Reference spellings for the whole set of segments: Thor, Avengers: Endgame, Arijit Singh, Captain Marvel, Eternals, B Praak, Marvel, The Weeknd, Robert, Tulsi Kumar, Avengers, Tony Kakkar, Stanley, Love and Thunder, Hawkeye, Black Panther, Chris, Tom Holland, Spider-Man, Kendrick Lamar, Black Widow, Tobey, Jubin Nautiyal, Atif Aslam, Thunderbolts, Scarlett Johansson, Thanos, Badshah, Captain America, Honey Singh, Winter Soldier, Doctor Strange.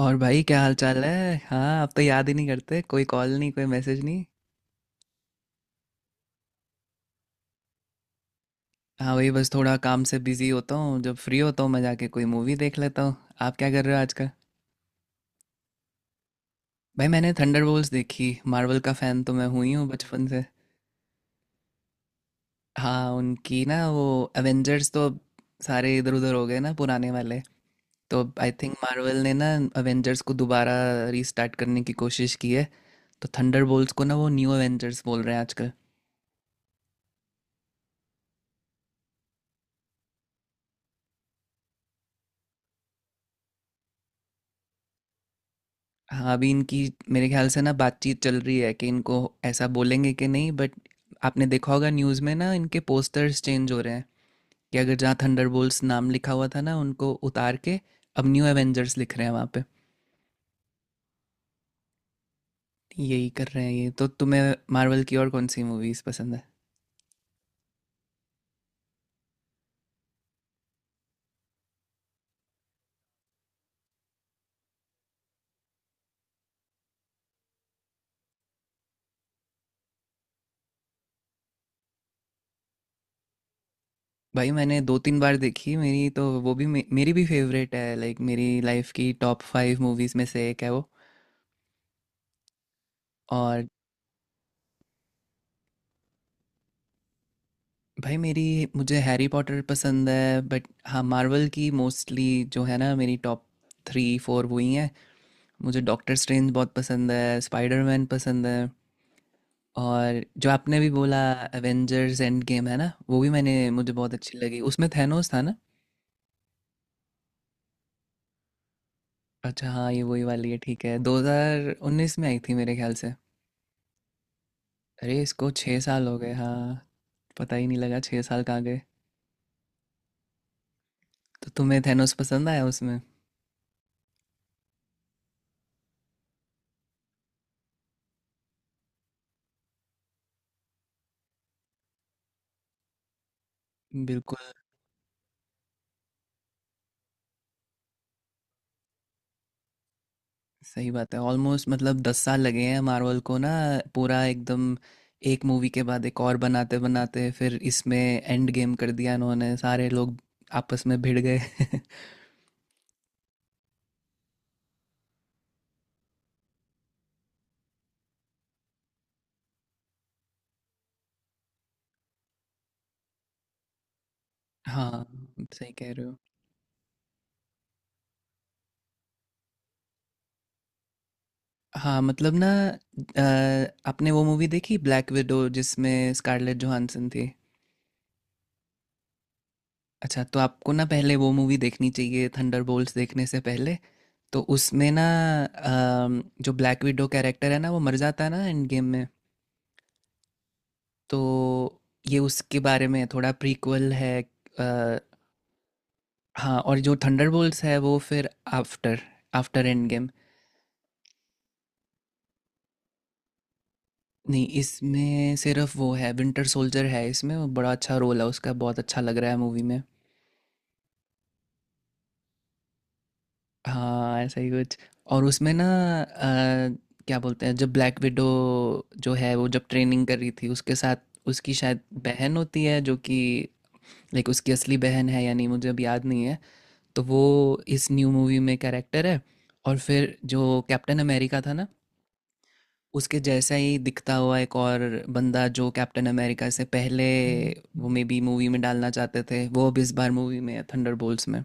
और भाई क्या हाल चाल है। हाँ, आप तो याद ही नहीं करते, कोई कॉल नहीं, कोई मैसेज नहीं। हाँ, वही बस थोड़ा काम से बिजी होता हूँ। जब फ्री होता हूँ मैं जाके कोई मूवी देख लेता हूँ। आप क्या कर रहे हो आजकल? भाई मैंने थंडरबोल्ट्स देखी। मार्वल का फ़ैन तो मैं हुई हूँ बचपन से। हाँ उनकी ना वो एवेंजर्स तो अब सारे इधर उधर हो गए ना पुराने वाले। तो आई थिंक मार्वल ने ना एवेंजर्स को दोबारा रीस्टार्ट करने की कोशिश की है। तो थंडरबोल्ट्स को ना वो न्यू एवेंजर्स बोल रहे हैं आजकल। हाँ अभी इनकी मेरे ख्याल से ना बातचीत चल रही है कि इनको ऐसा बोलेंगे कि नहीं, बट आपने देखा होगा न्यूज़ में ना इनके पोस्टर्स चेंज हो रहे हैं। कि अगर जहाँ थंडरबोल्ट्स नाम लिखा हुआ था ना उनको उतार के अब न्यू एवेंजर्स लिख रहे हैं वहाँ पे। यही कर रहे हैं ये। तो तुम्हें मार्वल की और कौन सी मूवीज़ पसंद है? भाई मैंने 2-3 बार देखी, मेरी तो वो भी मेरी भी फेवरेट है, लाइक मेरी लाइफ की टॉप फाइव मूवीज़ में से एक है वो। और भाई मेरी, मुझे हैरी पॉटर पसंद है बट हाँ मार्वल की मोस्टली जो है ना मेरी टॉप थ्री फोर वही हैं। मुझे डॉक्टर स्ट्रेंज बहुत पसंद है, स्पाइडरमैन पसंद है, और जो आपने भी बोला एवेंजर्स एंड गेम है ना वो भी मैंने, मुझे बहुत अच्छी लगी। उसमें थैनोस था ना। अच्छा हाँ ये वही वाली है। ठीक है, 2019 में आई थी मेरे ख्याल से। अरे इसको 6 साल हो गए। हाँ पता ही नहीं लगा 6 साल कहाँ गए। तो तुम्हें थैनोस पसंद आया उसमें। बिल्कुल। सही बात है, ऑलमोस्ट मतलब 10 साल लगे हैं मार्वल को ना, पूरा एकदम एक मूवी के बाद एक और बनाते बनाते फिर इसमें एंड गेम कर दिया। इन्होंने सारे लोग आपस में भिड़ गए हाँ सही कह रहे हो। हाँ मतलब ना, अ, आपने वो मूवी देखी ब्लैक विडो जिसमें स्कारलेट जोहानसन थी? अच्छा तो आपको ना पहले वो मूवी देखनी चाहिए थंडरबोल्ट्स देखने से पहले। तो उसमें ना जो ब्लैक विडो कैरेक्टर है ना वो मर जाता है ना एंड गेम में। तो ये उसके बारे में है, थोड़ा प्रीक्वल है। अ, हाँ और जो थंडरबोल्ट्स है वो फिर आफ्टर, आफ्टर एंड गेम। नहीं इसमें सिर्फ वो है, विंटर सोल्जर है इसमें, वो बड़ा अच्छा रोल है उसका, बहुत अच्छा लग रहा है मूवी में। हाँ ऐसा ही कुछ। और उसमें ना अ, क्या बोलते हैं, जब ब्लैक विडो जो है वो जब ट्रेनिंग कर रही थी उसके साथ, उसकी शायद बहन होती है जो कि, लाइक उसकी असली बहन है या नहीं मुझे अब याद नहीं है। तो वो इस न्यू मूवी में कैरेक्टर है। और फिर जो कैप्टन अमेरिका था ना उसके जैसा ही दिखता हुआ एक और बंदा जो कैप्टन अमेरिका से पहले वो मे बी मूवी में डालना चाहते थे वो अब इस बार मूवी में है थंडरबोल्ट्स में।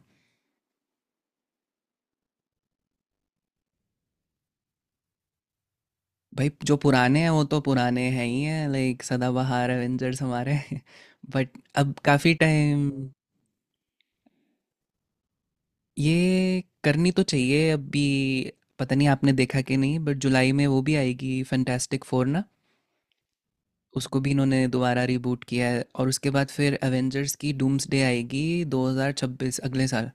भाई जो पुराने हैं वो तो पुराने हैं ही हैं, लाइक सदाबहार एवेंजर्स हमारे बट अब काफ़ी टाइम, ये करनी तो चाहिए अभी। पता नहीं आपने देखा कि नहीं बट जुलाई में वो भी आएगी फैंटास्टिक फोर ना। उसको भी इन्होंने दोबारा रिबूट किया है और उसके बाद फिर एवेंजर्स की डूम्सडे आएगी 2026 अगले साल।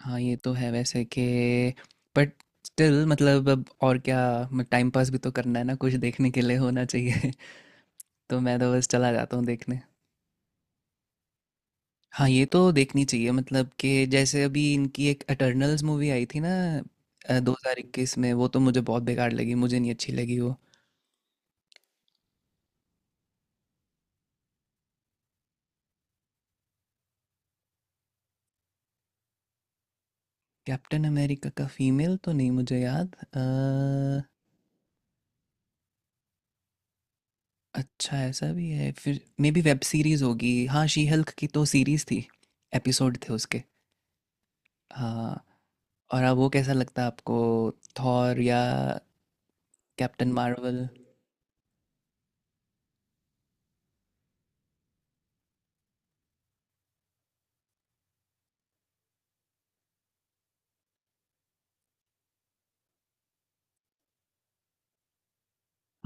हाँ ये तो है वैसे कि, बट स्टिल मतलब अब और क्या, टाइम पास भी तो करना है ना, कुछ देखने के लिए होना चाहिए। तो मैं तो बस चला जाता हूँ देखने। हाँ ये तो देखनी चाहिए, मतलब कि जैसे अभी इनकी एक एटर्नल्स मूवी आई थी ना 2021 में। वो तो मुझे बहुत बेकार लगी, मुझे नहीं अच्छी लगी वो। कैप्टन अमेरिका का फीमेल तो नहीं मुझे याद। अच्छा ऐसा भी है फिर, मे बी वेब सीरीज़ होगी। हाँ शी हल्क की तो सीरीज़ थी, एपिसोड थे उसके। हाँ और अब वो कैसा लगता है आपको, थॉर या कैप्टन मार्वल?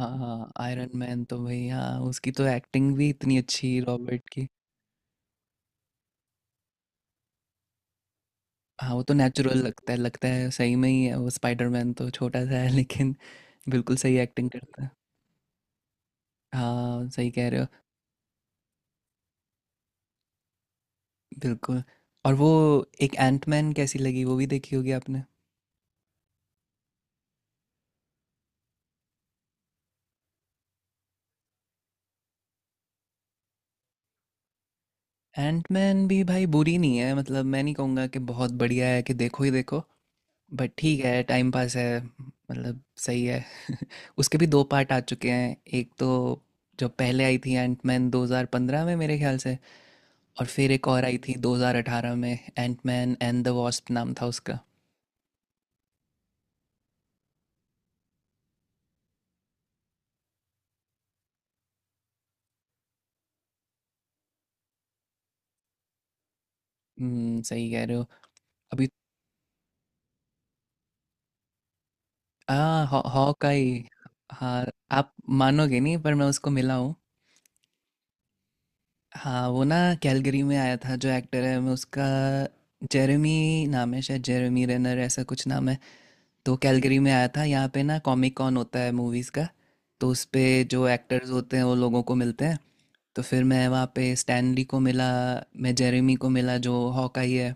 हाँ हाँ, आयरन मैन तो भाई, हाँ उसकी तो एक्टिंग भी इतनी अच्छी रॉबर्ट की। हाँ वो तो नेचुरल लगता है, लगता है सही में ही है वो, स्पाइडरमैन तो छोटा सा है लेकिन बिल्कुल सही एक्टिंग करता है। हाँ सही कह रहे हो। बिल्कुल। और वो एक एंटमैन कैसी लगी, वो भी देखी होगी आपने? एंटमैन भी भाई बुरी नहीं है, मतलब मैं नहीं कहूँगा कि बहुत बढ़िया है कि देखो ही देखो, बट ठीक है टाइम पास है, मतलब सही है। उसके भी दो पार्ट आ चुके हैं, एक तो जो पहले आई थी एंटमैन 2015 में मेरे ख्याल से, और फिर एक और आई थी 2018 में, एंटमैन एंड द वॉस्प नाम था उसका। हम्म, सही कह रहे हो। अभी आ हॉ हॉक आई। हाँ आप मानोगे नहीं पर मैं उसको मिला हूँ। हाँ वो ना कैलगरी में आया था, जो एक्टर है मैं उसका, जेरेमी नाम है शायद, जेरेमी रेनर ऐसा कुछ नाम है। तो कैलगरी में आया था, यहाँ पे ना कॉमिक कॉन होता है मूवीज़ का। तो उस पे जो एक्टर्स होते हैं वो लोगों को मिलते हैं। तो फिर मैं वहाँ पे स्टैनली को मिला, मैं जेरेमी को मिला जो हॉकाई है।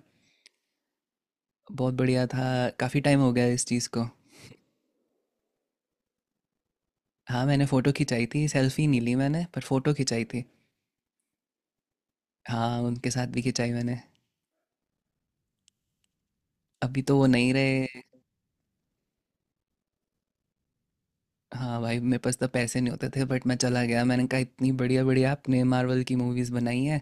बहुत बढ़िया था। काफ़ी टाइम हो गया इस चीज़ को। हाँ मैंने फ़ोटो खिंचाई थी, सेल्फी नहीं ली मैंने पर फ़ोटो खिंचाई थी। हाँ उनके साथ भी खिंचाई मैंने। अभी तो वो नहीं रहे। हाँ भाई मेरे पास तो पैसे नहीं होते थे बट मैं चला गया। मैंने कहा इतनी बढ़िया बढ़िया आपने मार्वल की मूवीज़ बनाई हैं,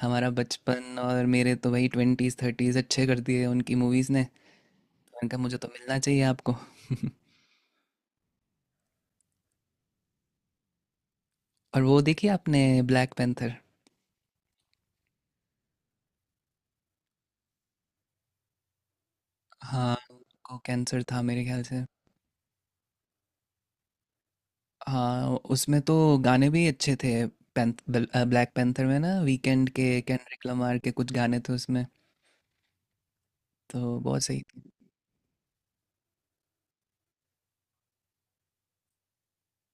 हमारा बचपन और मेरे तो भाई ट्वेंटीज़ थर्टीज़ अच्छे कर दिए उनकी मूवीज़ ने। मैंने कहा मुझे तो मिलना चाहिए आपको। और वो देखी आपने ब्लैक पैंथर? हाँ, को कैंसर था मेरे ख्याल से। हाँ उसमें तो गाने भी अच्छे थे। ब्लैक पैंथर में ना वीकेंड के, केंड्रिक लमार के कुछ गाने थे उसमें, तो बहुत सही।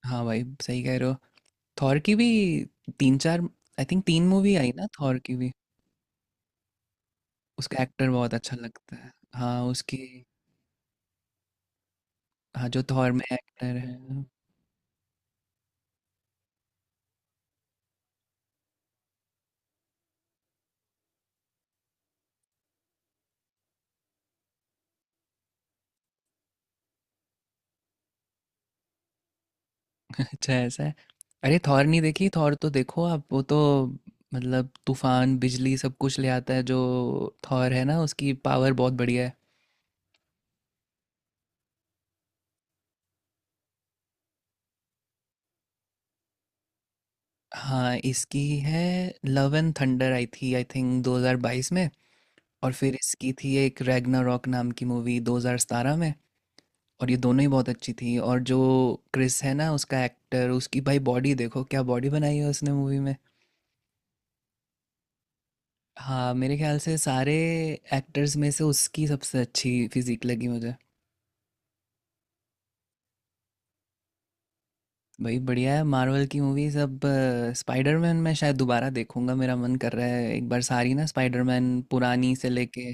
हाँ भाई सही कह रहे हो। थॉर की भी तीन चार, आई थिंक तीन मूवी आई ना थॉर की भी। उसका एक्टर बहुत अच्छा लगता है। हाँ उसकी, हाँ जो थॉर में एक्टर है। अच्छा ऐसा है। अरे थॉर नहीं देखी? थॉर तो देखो आप, वो तो मतलब तूफान बिजली सब कुछ ले आता है जो, थॉर है ना उसकी पावर बहुत बढ़िया है। हाँ इसकी है लव एंड थंडर, आई थी आई थिंक 2022 में। और फिर इसकी थी एक रैग्नारॉक नाम की मूवी 2017 में। और ये दोनों ही बहुत अच्छी थी। और जो क्रिस है ना उसका एक्टर, उसकी भाई बॉडी देखो क्या बॉडी बनाई है उसने मूवी में। हाँ मेरे ख्याल से सारे एक्टर्स में से उसकी सबसे अच्छी फिजिक लगी मुझे। भाई बढ़िया है मार्वल की मूवी सब। स्पाइडरमैन मैं शायद दोबारा देखूंगा, मेरा मन कर रहा है एक बार सारी ना, स्पाइडरमैन पुरानी से लेके।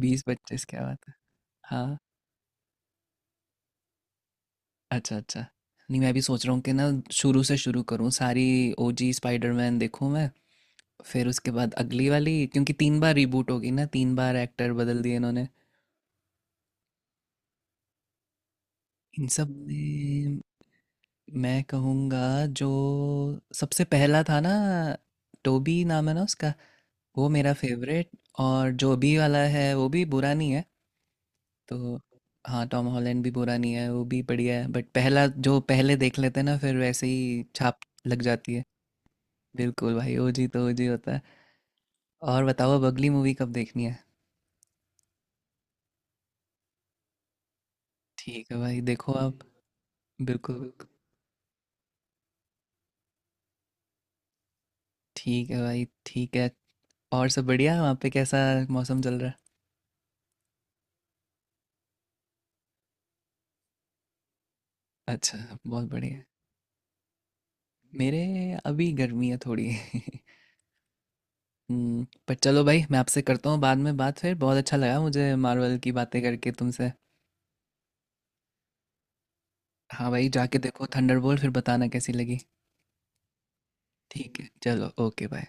20-25, क्या बात है। हाँ अच्छा अच्छा। नहीं मैं भी सोच रहा हूँ कि ना शुरू से शुरू करूँ सारी, ओजी स्पाइडरमैन देखूँ मैं, फिर उसके बाद अगली वाली, क्योंकि 3 बार रिबूट हो गई ना, 3 बार एक्टर बदल दिए इन्होंने। इन सब में मैं कहूँगा जो सबसे पहला था ना, टोबी नाम है ना उसका, वो मेरा फेवरेट। और जो अभी वाला है वो भी बुरा नहीं है। तो हाँ टॉम हॉलैंड भी बुरा नहीं है, वो भी बढ़िया है बट पहला जो पहले देख लेते हैं ना फिर वैसे ही छाप लग जाती है। बिल्कुल भाई, ओजी तो ओजी होता है। और बताओ अब अगली मूवी कब देखनी है? ठीक है भाई देखो आप। बिल्कुल बिल्कुल। ठीक है भाई ठीक है। और सब बढ़िया? वहाँ पे कैसा मौसम चल रहा है? अच्छा। बहुत बढ़िया। मेरे अभी गर्मी है थोड़ी पर चलो भाई, मैं आपसे करता हूँ बाद में बात फिर। बहुत अच्छा लगा मुझे मार्वल की बातें करके तुमसे। हाँ भाई जाके देखो थंडरबोल्ट, फिर बताना कैसी लगी। ठीक है चलो ओके बाय।